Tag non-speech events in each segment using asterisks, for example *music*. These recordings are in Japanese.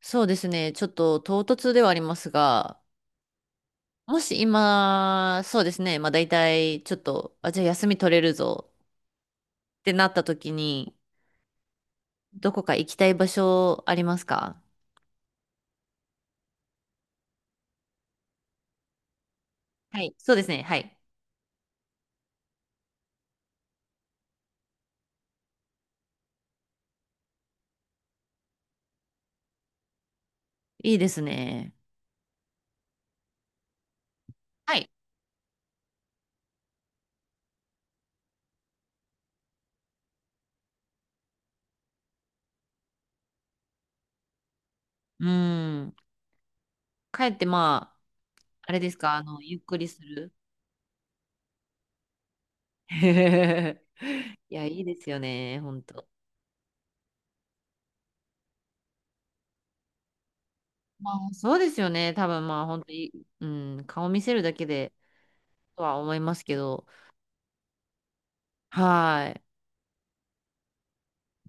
そうですね。ちょっと唐突ではありますが、もし今、そうですね。まあ大体、ちょっと、あ、じゃあ休み取れるぞってなった時に、どこか行きたい場所ありますか？はい。そうですね。はい。いいですね。はい。うーん。帰って、まあ、あれですか、ゆっくりする？ *laughs* いや、いいですよね。本当。まあ、そうですよね。多分、まあ、本当に、うん、顔見せるだけで、とは思いますけど、はい。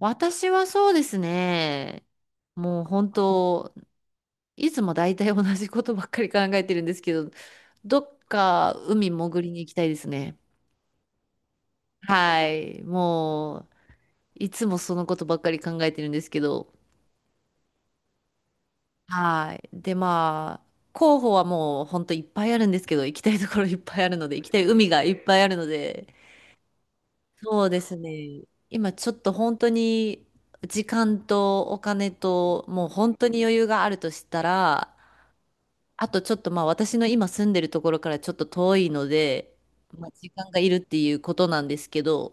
私はそうですね。もう本当、いつも大体同じことばっかり考えてるんですけど、どっか海潜りに行きたいですね。はい。もう、いつもそのことばっかり考えてるんですけど。はい。で、まあ、候補はもう本当いっぱいあるんですけど、行きたいところいっぱいあるので、行きたい海がいっぱいあるので、そうですね。今ちょっと本当に時間とお金と、もう本当に余裕があるとしたら、あとちょっとまあ私の今住んでるところからちょっと遠いので、まあ、時間がいるっていうことなんですけど、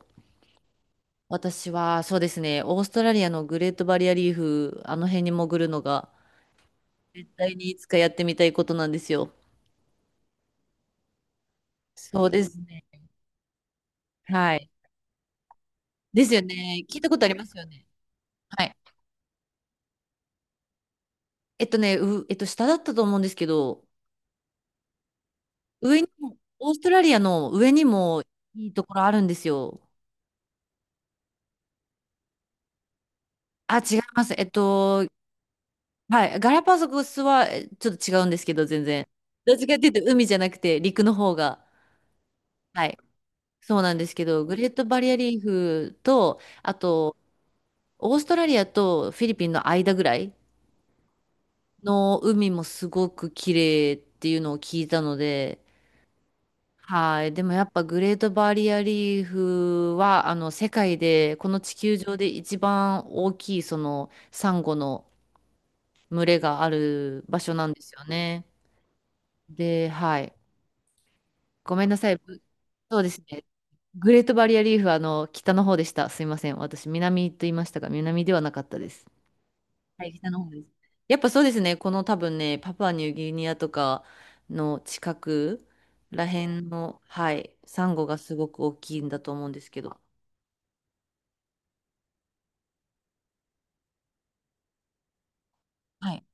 私はそうですね、オーストラリアのグレートバリアリーフ、あの辺に潜るのが絶対にいつかやってみたいことなんですよ。そうですね。はい。ですよね。聞いたことありますよね。はい。えっとね、う、えっと下だったと思うんですけど、上にも、オーストラリアの上にもいいところあるんですよ。あ、違います。はい。ガラパゴスはちょっと違うんですけど、全然。どっちかっていうと、海じゃなくて陸の方が。はい。そうなんですけど、グレートバリアリーフと、あと、オーストラリアとフィリピンの間ぐらいの海もすごく綺麗っていうのを聞いたので、はい。でもやっぱグレートバリアリーフは、世界で、この地球上で一番大きい、サンゴの群れがある場所なんですよね。で、はい。ごめんなさい。そうですね。グレートバリアリーフは北の方でした。すいません。私、南と言いましたが、南ではなかったです。はい、北の方です。やっぱそうですね。この多分ね、パプアニューギニアとかの近くらへんの、はい、サンゴがすごく大きいんだと思うんですけど。はい。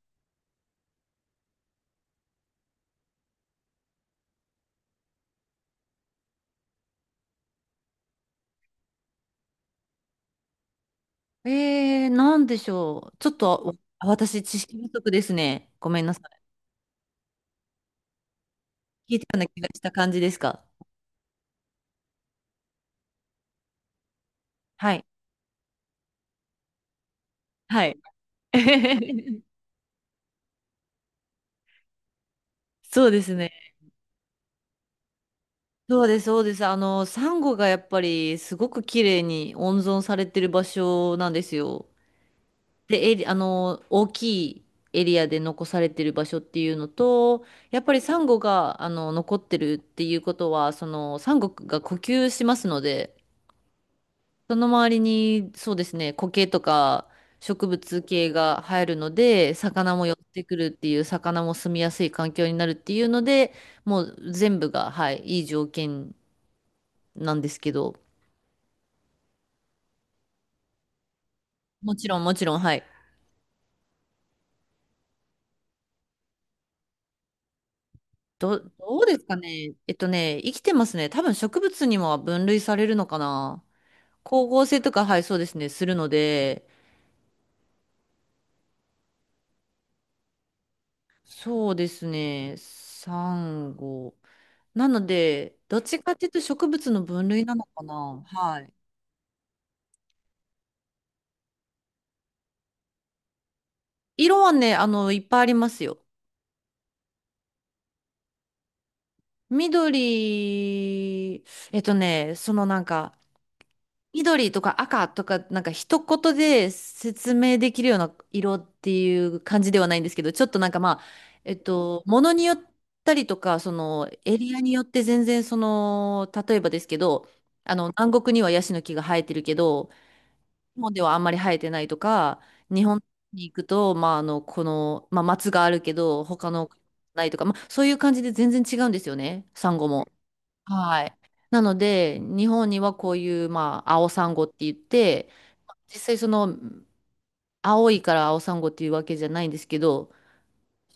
なんでしょう。ちょっと私、知識不足ですね。ごめんなさい。聞いたような気がした感じですか。はい。はい。*laughs* そうですね。そうです、そうです。サンゴがやっぱりすごく綺麗に温存されてる場所なんですよ。で、エリ、あの、大きいエリアで残されてる場所っていうのと、やっぱりサンゴが、残ってるっていうことは、サンゴが呼吸しますので、その周りに、そうですね、苔とか植物系が生えるので、魚も寄ってくるっていう、魚も住みやすい環境になるっていうので、もう全部が、はい、いい条件なんですけど、もちろん、もちろん、はい。どうですかね。生きてますね。多分植物にも分類されるのかな。光合成とか、はい、そうですね、するので、そうですね、サンゴ。なので、どっちかっていうと植物の分類なのかな。はい。色はね、いっぱいありますよ。緑、なんか、緑とか赤とか、なんか一言で説明できるような色っていう感じではないんですけど、ちょっとなんかまあ、ものによったりとか、そのエリアによって全然例えばですけど、南国にはヤシの木が生えてるけど、日本ではあんまり生えてないとか、日本に行くと、まあまあ松があるけど、他のないとか、まあそういう感じで全然違うんですよね、サンゴも。はい。なので、日本にはこういう、まあ、青サンゴって言って、実際青いから青サンゴっていうわけじゃないんですけど、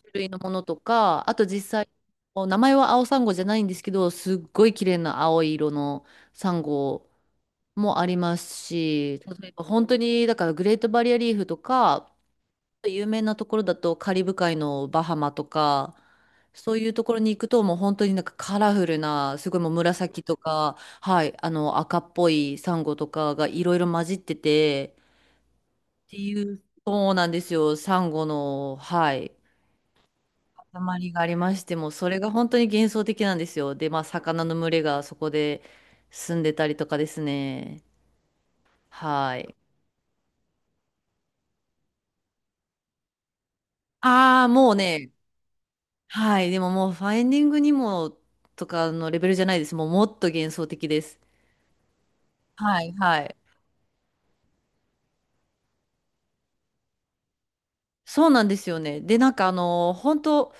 種類のものとか、あと実際、もう名前は青サンゴじゃないんですけど、すっごい綺麗な青い色のサンゴもありますし、例えば本当に、だからグレートバリアリーフとか、有名なところだとカリブ海のバハマとか、そういうところに行くともう本当になんかカラフルな、すごいもう紫とか、はい、赤っぽいサンゴとかがいろいろ混じってて、っていう、そうなんですよ、サンゴの、はい、塊がありましても、それが本当に幻想的なんですよ。で、まあ魚の群れがそこで住んでたりとかですね。はい。ああ、もうね、はい。でももう、ファインディングにもとかのレベルじゃないです。もう、もっと幻想的です。はい、はい。そうなんですよね。で、なんか本当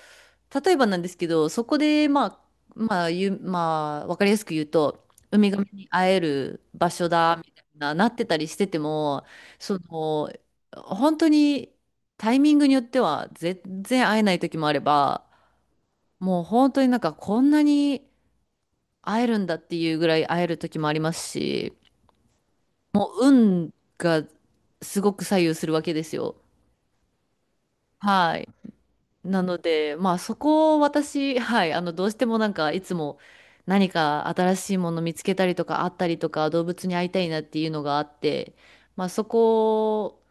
例えばなんですけど、そこで、まあ、わかりやすく言うと、ウミガメに会える場所だ、みたいな、なってたりしてても、その、本当にタイミングによっては、全然会えない時もあれば、もう本当になんかこんなに会えるんだっていうぐらい会える時もありますし、もう運がすごく左右するわけですよ。はい。なので、まあそこを私、はい、どうしてもなんかいつも何か新しいもの見つけたりとかあったりとか動物に会いたいなっていうのがあって、まあそこを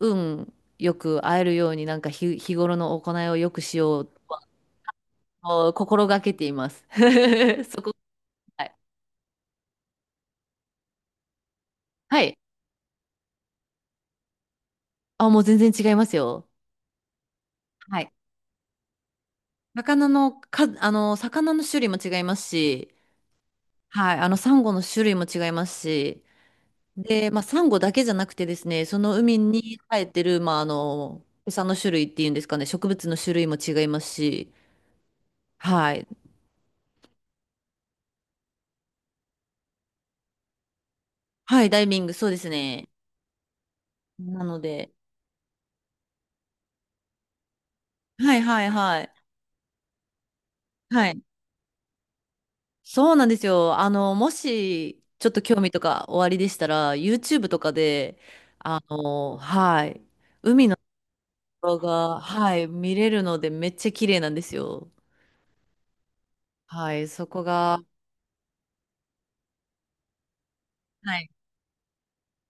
運よく会えるようになんか日頃の行いをよくしようとは心がけています。*laughs* そこ、はい。はい。あ、もう全然違いますよ。はい。魚のか、あの、魚の種類も違いますし、はい、サンゴの種類も違いますし、で、まあ、サンゴだけじゃなくてですね、その海に生えてる、まあ、餌の種類っていうんですかね、植物の種類も違いますし、はい。はい、ダイビング、そうですね。なので、はいはいはい。はい。そうなんですよ。もし、ちょっと興味とかおありでしたら、YouTube とかで、はい、動画が、はい、見れるので、めっちゃ綺麗なんですよ。はい、そこが、はい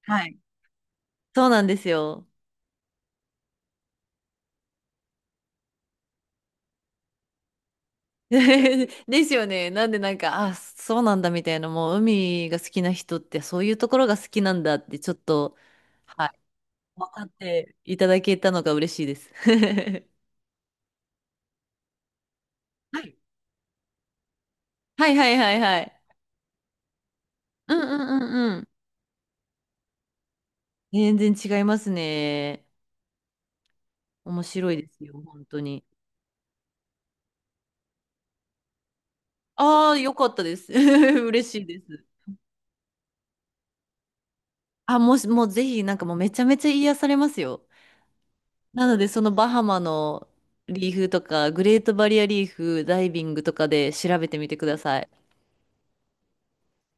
はいそうなんですよ。*laughs* ですよね。なんでなんか、あ、そうなんだみたいな、もう海が好きな人ってそういうところが好きなんだってちょっと、はい、分かっていただけたのが嬉しいです。*laughs* はいはいはいはいはい。うんうんうんうん。全然違いますね。面白いですよ、本当に。ああ、よかったです。*laughs* 嬉しいです。あ、もし、もうぜひ、なんかもうめちゃめちゃ癒されますよ。なので、そのバハマのリーフとか、グレートバリアリーフ、ダイビングとかで調べてみてください。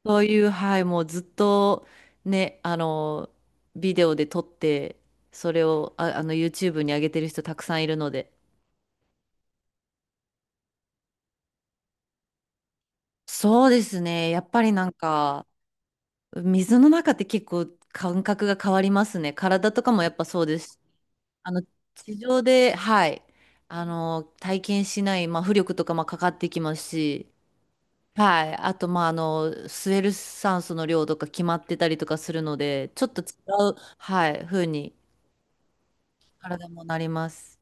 そういう、はい、もうずっとね、ビデオで撮って、それを、YouTube に上げてる人たくさんいるので。そうですね。やっぱりなんか、水の中って結構感覚が変わりますね。体とかもやっぱそうです。あの、地上で、はい、体験しない、まあ、浮力とかもかかってきますし、はい。あと、まあ、スエル酸素の量とか決まってたりとかするので、ちょっと違う、はい、風に体もなります。